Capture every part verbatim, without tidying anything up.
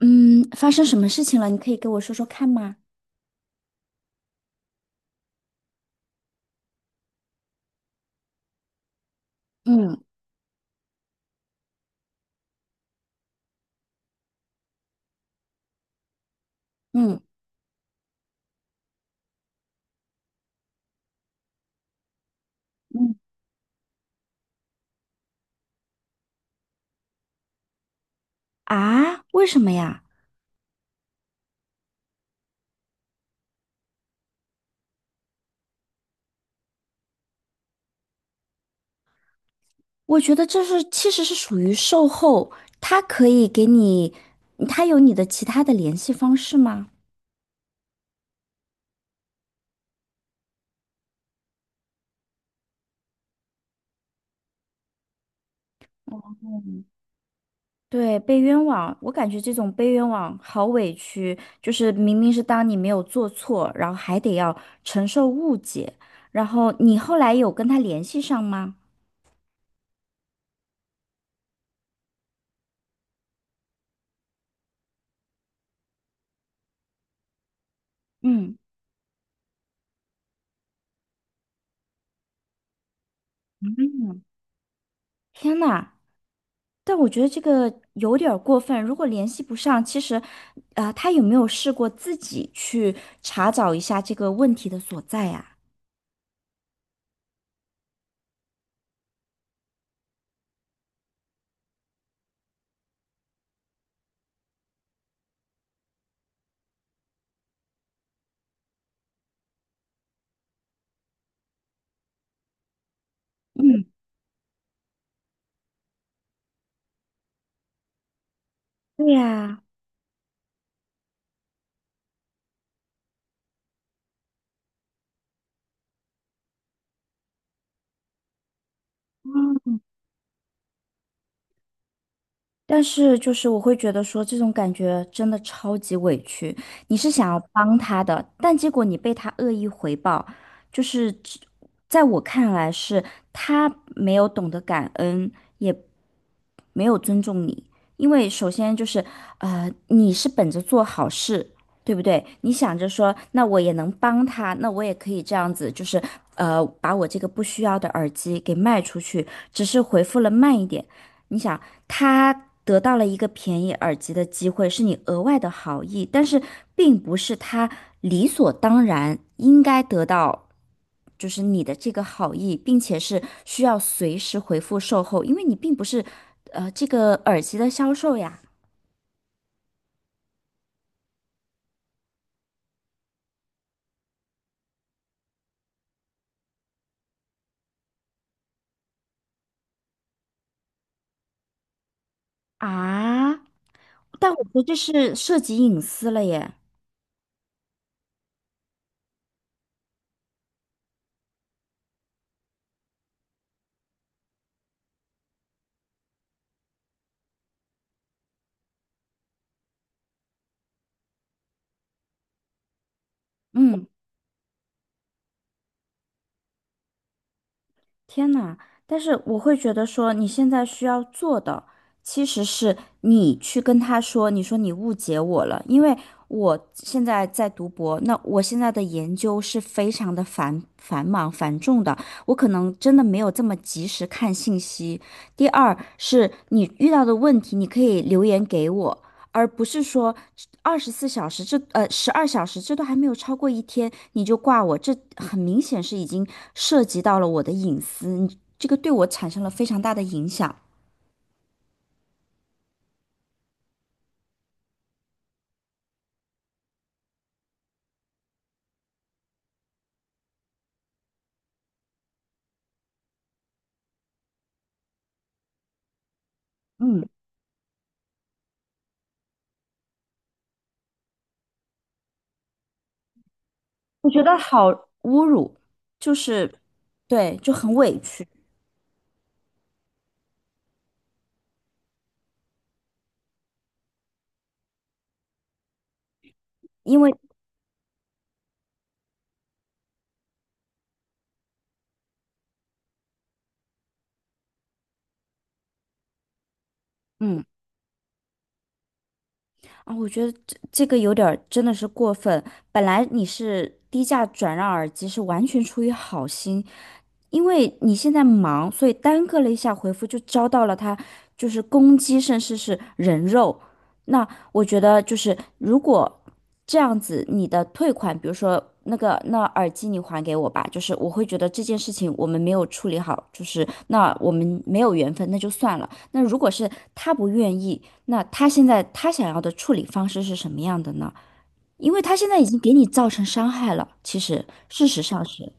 嗯，发生什么事情了？你可以给我说说看吗？嗯嗯嗯。啊，为什么呀？我觉得这是其实是属于售后，他可以给你，他有你的其他的联系方式吗？对，被冤枉，我感觉这种被冤枉好委屈，就是明明是当你没有做错，然后还得要承受误解，然后你后来有跟他联系上吗？嗯嗯，天呐，但我觉得这个有点儿过分。如果联系不上，其实，啊，他有没有试过自己去查找一下这个问题的所在呀？嗯。对呀。但是就是我会觉得说这种感觉真的超级委屈，你是想要帮他的，但结果你被他恶意回报，就是只在我看来是他没有懂得感恩，也没有尊重你，因为首先就是呃你是本着做好事，对不对？你想着说那我也能帮他，那我也可以这样子，就是呃把我这个不需要的耳机给卖出去，只是回复了慢一点。你想，他得到了一个便宜耳机的机会，是你额外的好意，但是并不是他理所当然应该得到，就是你的这个好意，并且是需要随时回复售后，因为你并不是呃这个耳机的销售呀。啊，但我觉得这是涉及隐私了耶。嗯。天呐，但是我会觉得说，你现在需要做的其实是你去跟他说，你说你误解我了，因为我现在在读博，那我现在的研究是非常的繁繁忙繁重的，我可能真的没有这么及时看信息。第二是你遇到的问题，你可以留言给我，而不是说二十四小时这呃十二小时这都还没有超过一天你就挂我，这很明显是已经涉及到了我的隐私，你这个对我产生了非常大的影响。嗯，我觉得好侮辱，就是对，就很委屈，因为嗯。啊，我觉得这这个有点儿真的是过分。本来你是低价转让耳机，是完全出于好心，因为你现在忙，所以耽搁了一下回复，就遭到了他就是攻击，甚至是人肉。那我觉得就是如果这样子，你的退款，比如说那个那耳机你还给我吧，就是我会觉得这件事情我们没有处理好，就是那我们没有缘分，那就算了。那如果是他不愿意，那他现在他想要的处理方式是什么样的呢？因为他现在已经给你造成伤害了，其实事实上是，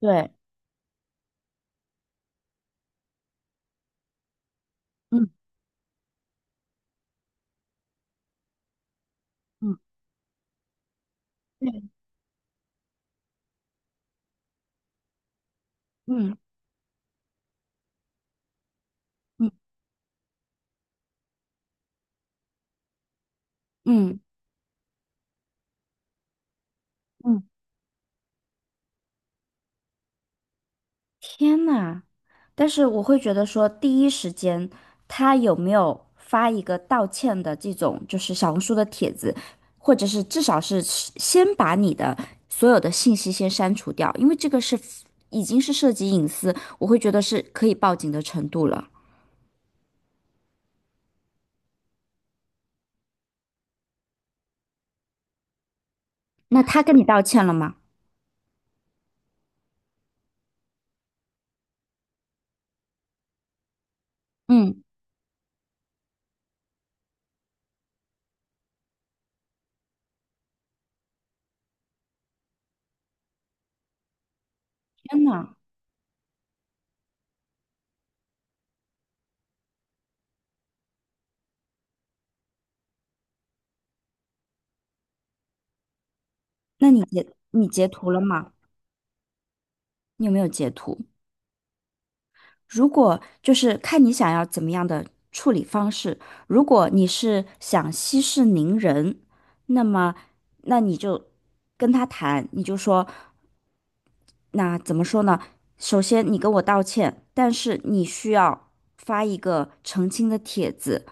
对，嗯嗯，对，嗯嗯嗯嗯。天呐！但是我会觉得说，第一时间他有没有发一个道歉的这种，就是小红书的帖子，或者是至少是先把你的所有的信息先删除掉，因为这个是已经是涉及隐私，我会觉得是可以报警的程度了。那他跟你道歉了吗？嗯，天呐，那你截你截图了吗？你有没有截图？如果就是看你想要怎么样的处理方式，如果你是想息事宁人，那么那你就跟他谈，你就说，那怎么说呢？首先你跟我道歉，但是你需要发一个澄清的帖子。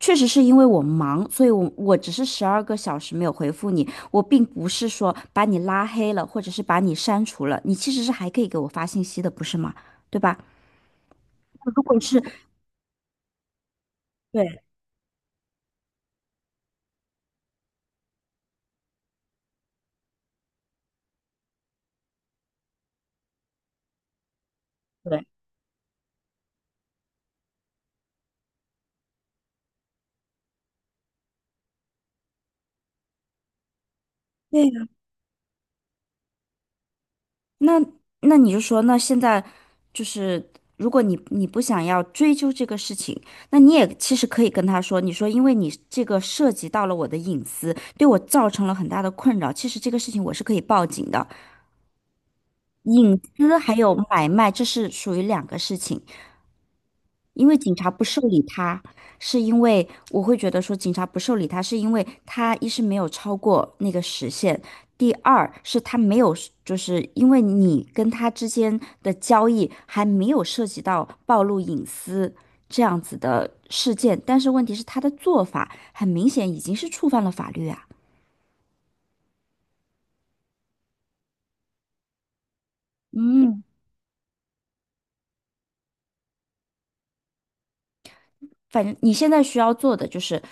确实是因为我忙，所以我我只是十二个小时没有回复你，我并不是说把你拉黑了，或者是把你删除了，你其实是还可以给我发信息的，不是吗？对吧？如果是对，对。对呀，那那你就说，那现在就是，如果你你不想要追究这个事情，那你也其实可以跟他说，你说因为你这个涉及到了我的隐私，对我造成了很大的困扰，其实这个事情我是可以报警的。隐私还有买卖，这是属于两个事情。因为警察不受理他，是因为我会觉得说警察不受理他，是因为他一是没有超过那个时限，第二是他没有，就是因为你跟他之间的交易还没有涉及到暴露隐私这样子的事件，但是问题是他的做法很明显已经是触犯了法律啊。嗯。反正你现在需要做的就是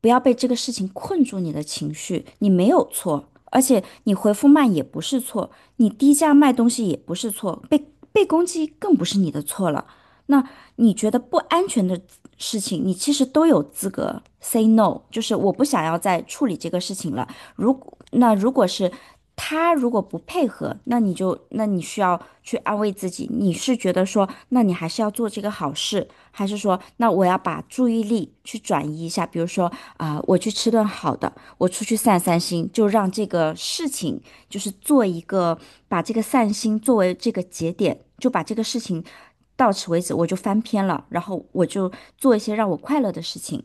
不要被这个事情困住你的情绪，你没有错，而且你回复慢也不是错，你低价卖东西也不是错，被被攻击更不是你的错了。那你觉得不安全的事情，你其实都有资格 say no，就是我不想要再处理这个事情了。如果那如果是他如果不配合，那你就那你需要去安慰自己，你是觉得说，那你还是要做这个好事。还是说，那我要把注意力去转移一下，比如说啊、呃我去吃顿好的，我出去散散心，就让这个事情就是做一个，把这个散心作为这个节点，就把这个事情到此为止，我就翻篇了，然后我就做一些让我快乐的事情。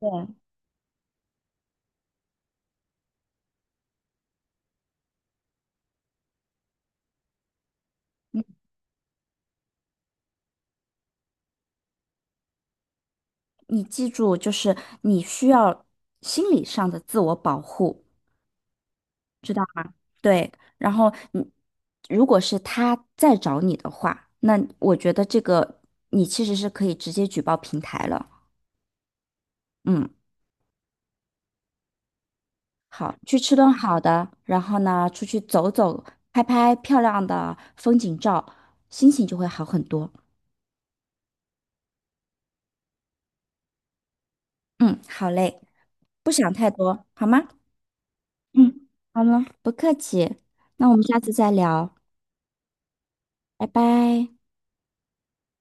对，你记住，就是你需要心理上的自我保护，对，然后你如果是他再找你的话，那我觉得这个你其实是可以直接举报平台了。嗯，好，去吃顿好的，然后呢，出去走走，拍拍漂亮的风景照，心情就会好很多。嗯，好嘞，不想太多，好吗？嗯，好了，不客气，那我们下次再聊，拜拜。